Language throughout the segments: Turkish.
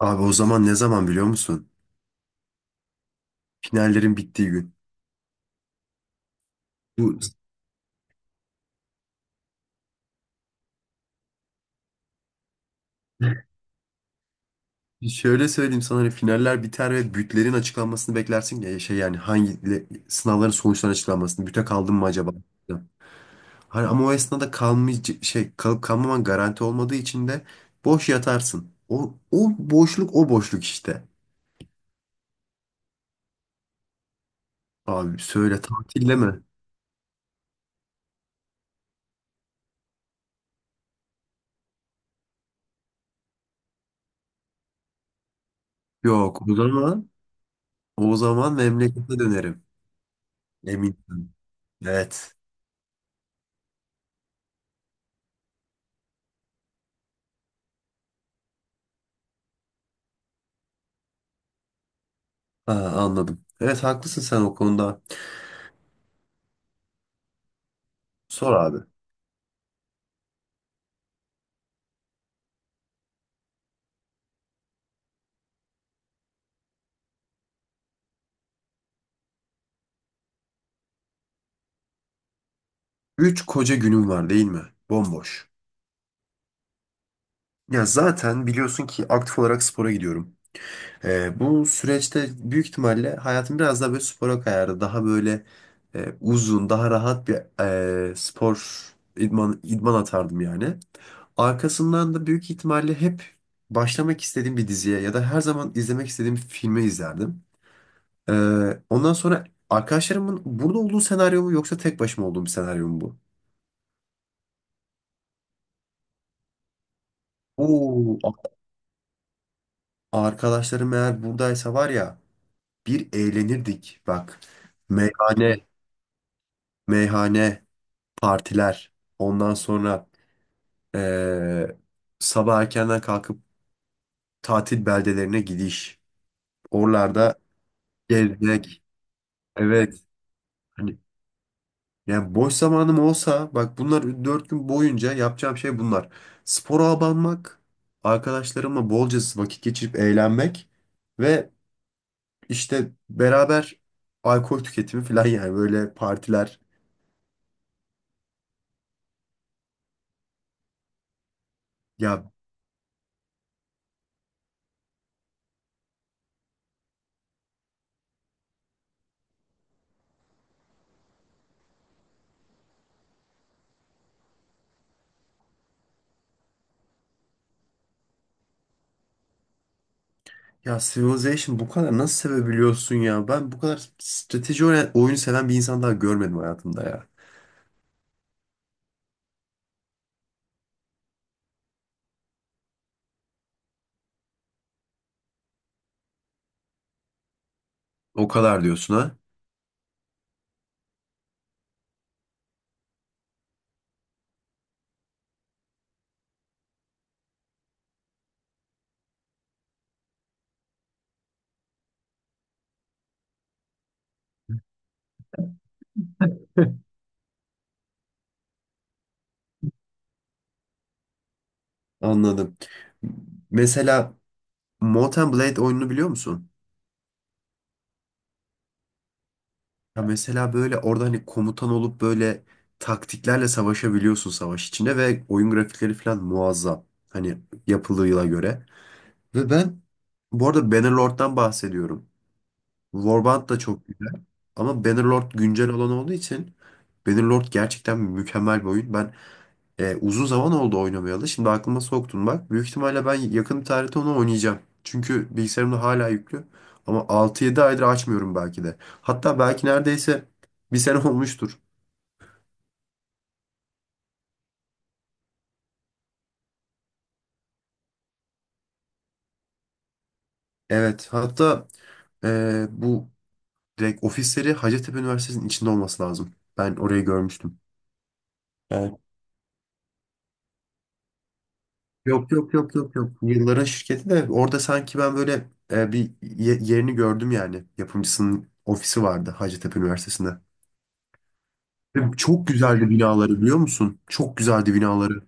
Abi o zaman ne zaman biliyor musun? Finallerin bittiği gün. Bu Şöyle söyleyeyim sana. Hani finaller biter ve bütlerin açıklanmasını beklersin ya, şey, yani hangi sınavların sonuçlarının açıklanmasını. Büte kaldım mı acaba? Hani ama o esnada kalmayacak, şey, kalıp kalmaman garanti olmadığı için de boş yatarsın. O boşluk, o boşluk işte. Abi söyle, tatille mi? Yok, o zaman o zaman memlekete dönerim. Eminim. Evet. Ha, anladım. Evet, haklısın sen o konuda. Sor abi. Üç koca günüm var değil mi? Bomboş. Ya zaten biliyorsun ki aktif olarak spora gidiyorum. Bu süreçte büyük ihtimalle hayatım biraz daha böyle spora kayardı. Daha böyle uzun, daha rahat bir spor, idman atardım yani. Arkasından da büyük ihtimalle hep başlamak istediğim bir diziye ya da her zaman izlemek istediğim bir filmi izlerdim. Ee, Ondan sonra, arkadaşlarımın burada olduğu senaryo mu, yoksa tek başıma olduğum bir senaryo mu bu? Oo, arkadaşlarım eğer buradaysa var ya, bir eğlenirdik bak. Meyhane, meyhane, partiler. Ondan sonra eee, sabah erkenden kalkıp tatil beldelerine gidiş. Oralarda gezmek. Evet. Hani, yani boş zamanım olsa bak, bunlar dört gün boyunca yapacağım şey bunlar. Spora abanmak, arkadaşlarımla bolca vakit geçirip eğlenmek ve İşte beraber alkol tüketimi falan, yani böyle partiler. Ya, ya Civilization bu kadar nasıl sevebiliyorsun ya? Ben bu kadar strateji oyunu seven bir insan daha görmedim hayatımda ya. O kadar diyorsun ha? Anladım. Mesela Mortal Blade oyununu biliyor musun? Ya mesela böyle orada hani komutan olup böyle taktiklerle savaşabiliyorsun savaş içinde, ve oyun grafikleri falan muazzam. Hani yapılığıyla göre. Ve ben bu arada Bannerlord'dan bahsediyorum. Warband da çok güzel. Ama Bannerlord güncel olan olduğu için, Bannerlord gerçekten mükemmel bir oyun. Ben, uzun zaman oldu oynamayalı. Şimdi aklıma soktun bak. Büyük ihtimalle ben yakın bir tarihte onu oynayacağım. Çünkü bilgisayarımda hala yüklü. Ama altı yedi aydır açmıyorum belki de. Hatta belki neredeyse bir sene olmuştur. Evet. Hatta bu direkt ofisleri Hacettepe Üniversitesi'nin içinde olması lazım. Ben orayı görmüştüm. Yani yok, yok, yok, yok, yok. Yılların şirketi de orada sanki, ben böyle bir yerini gördüm yani. Yapımcısının ofisi vardı Hacettepe Üniversitesi'nde. Ve çok güzeldi binaları biliyor musun? Çok güzeldi binaları.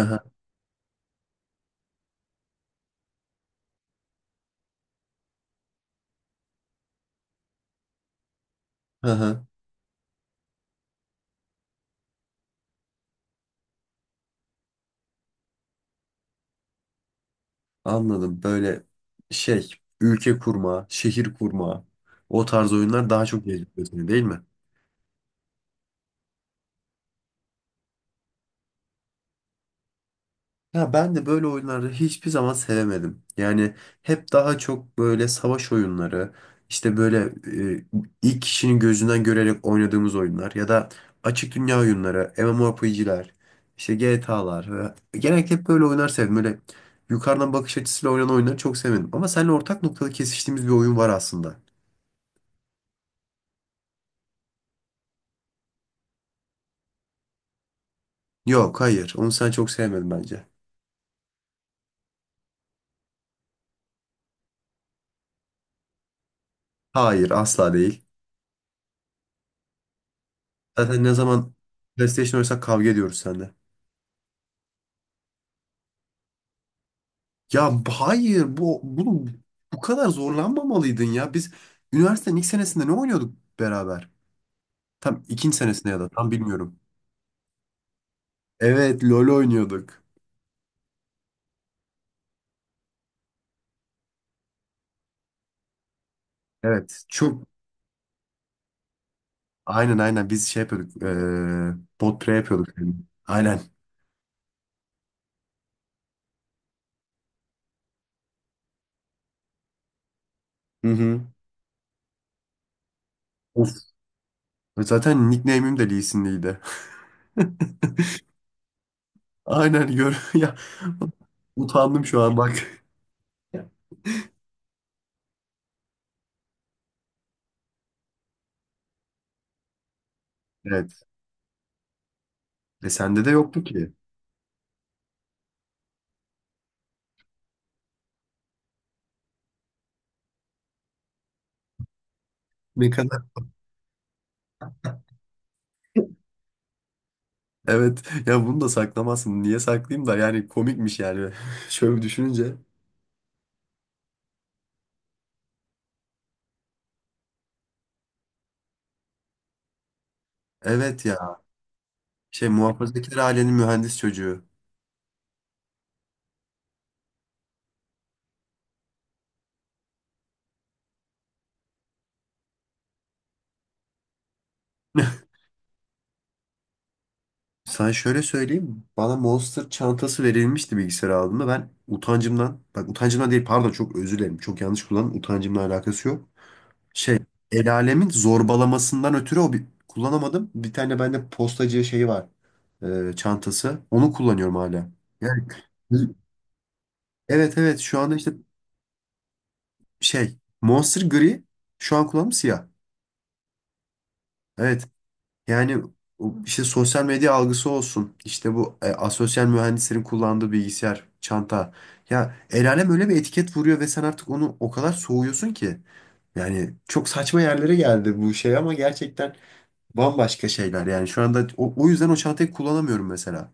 Aha, aha, anladım. Böyle, şey, ülke kurma, şehir kurma, o tarz oyunlar daha çok cezbediyor seni değil mi? Ya ben de böyle oyunları hiçbir zaman sevemedim. Yani hep daha çok böyle savaş oyunları, işte böyle e, ilk kişinin gözünden görerek oynadığımız oyunlar, ya da açık dünya oyunları, MMORPG'ler, işte GTA'lar. Genellikle hep böyle oyunlar sevdim. Böyle yukarıdan bakış açısıyla oynanan oyunları çok sevmedim. Ama seninle ortak noktada kesiştiğimiz bir oyun var aslında. Yok, hayır. Onu sen çok sevmedin bence. Hayır, asla değil. Zaten ne zaman PlayStation oynasak kavga ediyoruz seninle. Hayır, bunu bu kadar zorlanmamalıydın ya. Biz üniversitenin ilk senesinde ne oynuyorduk beraber? Tam ikinci senesinde ya da, tam bilmiyorum. Evet, LoL oynuyorduk. Evet, çok, aynen, biz şey yapıyorduk. E, bot pre yapıyorduk. Yani. Aynen. Hı hı. Of. Zaten nickname'im de Lee Sin'liydi. Aynen gör ya. Utandım şu an bak. Evet. E sende de yoktu ki. Ne kadar. Evet ya, bunu da saklamazsın. Niye saklayayım da, yani komikmiş yani. Şöyle düşününce. Evet ya, şey, muhafazakar ailenin mühendis çocuğu. Sana şöyle söyleyeyim. Bana Monster çantası verilmişti bilgisayar aldığımda. Ben utancımdan, bak utancımdan değil, pardon, çok özür dilerim. Çok yanlış kullandım. Utancımla alakası yok. Şey, el alemin zorbalamasından ötürü o bir, kullanamadım. Bir tane bende postacı şeyi var. Çantası. Onu kullanıyorum hala. Yani evet, şu anda işte, şey, Monster gri, şu an kulağım siyah. Evet, yani o işte sosyal medya algısı olsun, işte bu asosyal mühendislerin kullandığı bilgisayar çanta, ya el alem öyle bir etiket vuruyor ve sen artık onu o kadar soğuyorsun ki, yani çok saçma yerlere geldi bu şey, ama gerçekten bambaşka şeyler yani şu anda, o yüzden o çantayı kullanamıyorum mesela.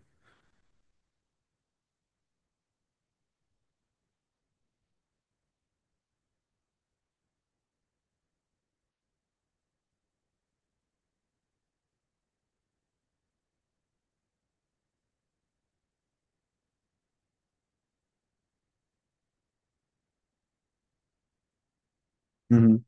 Hı hı.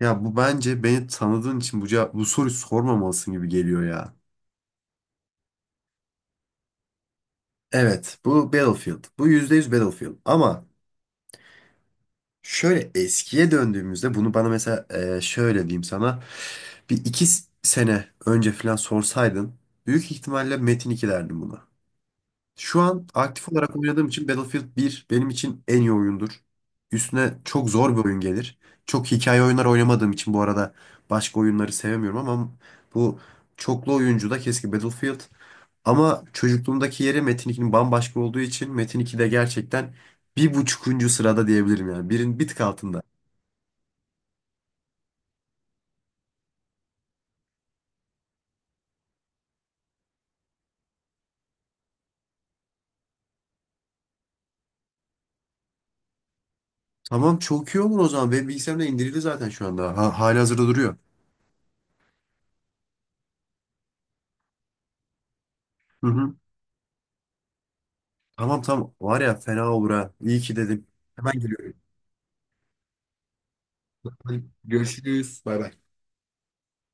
Ya bu, bence beni tanıdığın için bu, bu soruyu sormamalısın gibi geliyor ya. Evet, bu Battlefield, bu %100 Battlefield, ama şöyle eskiye döndüğümüzde bunu bana, mesela, şöyle diyeyim sana, bir iki sene önce falan sorsaydın, büyük ihtimalle Metin 2 derdim buna. Şu an aktif olarak oynadığım için Battlefield bir benim için en iyi oyundur. Üstüne çok zor bir oyun gelir. Çok hikaye oyunlar oynamadığım için bu arada başka oyunları sevmiyorum, ama bu çoklu oyuncu da keşke Battlefield. Ama çocukluğumdaki yeri Metin 2'nin bambaşka olduğu için, Metin 2 de gerçekten bir buçukuncu sırada diyebilirim yani. Birin bir tık altında. Tamam, çok iyi olur o zaman. Benim bilgisayarımda indirildi zaten şu anda. Ha, hali hazırda duruyor. Hı hı. Tamam, tamam. Var ya, fena olur ha. İyi ki dedim. Hemen geliyorum. Hadi görüşürüz. Bay bay.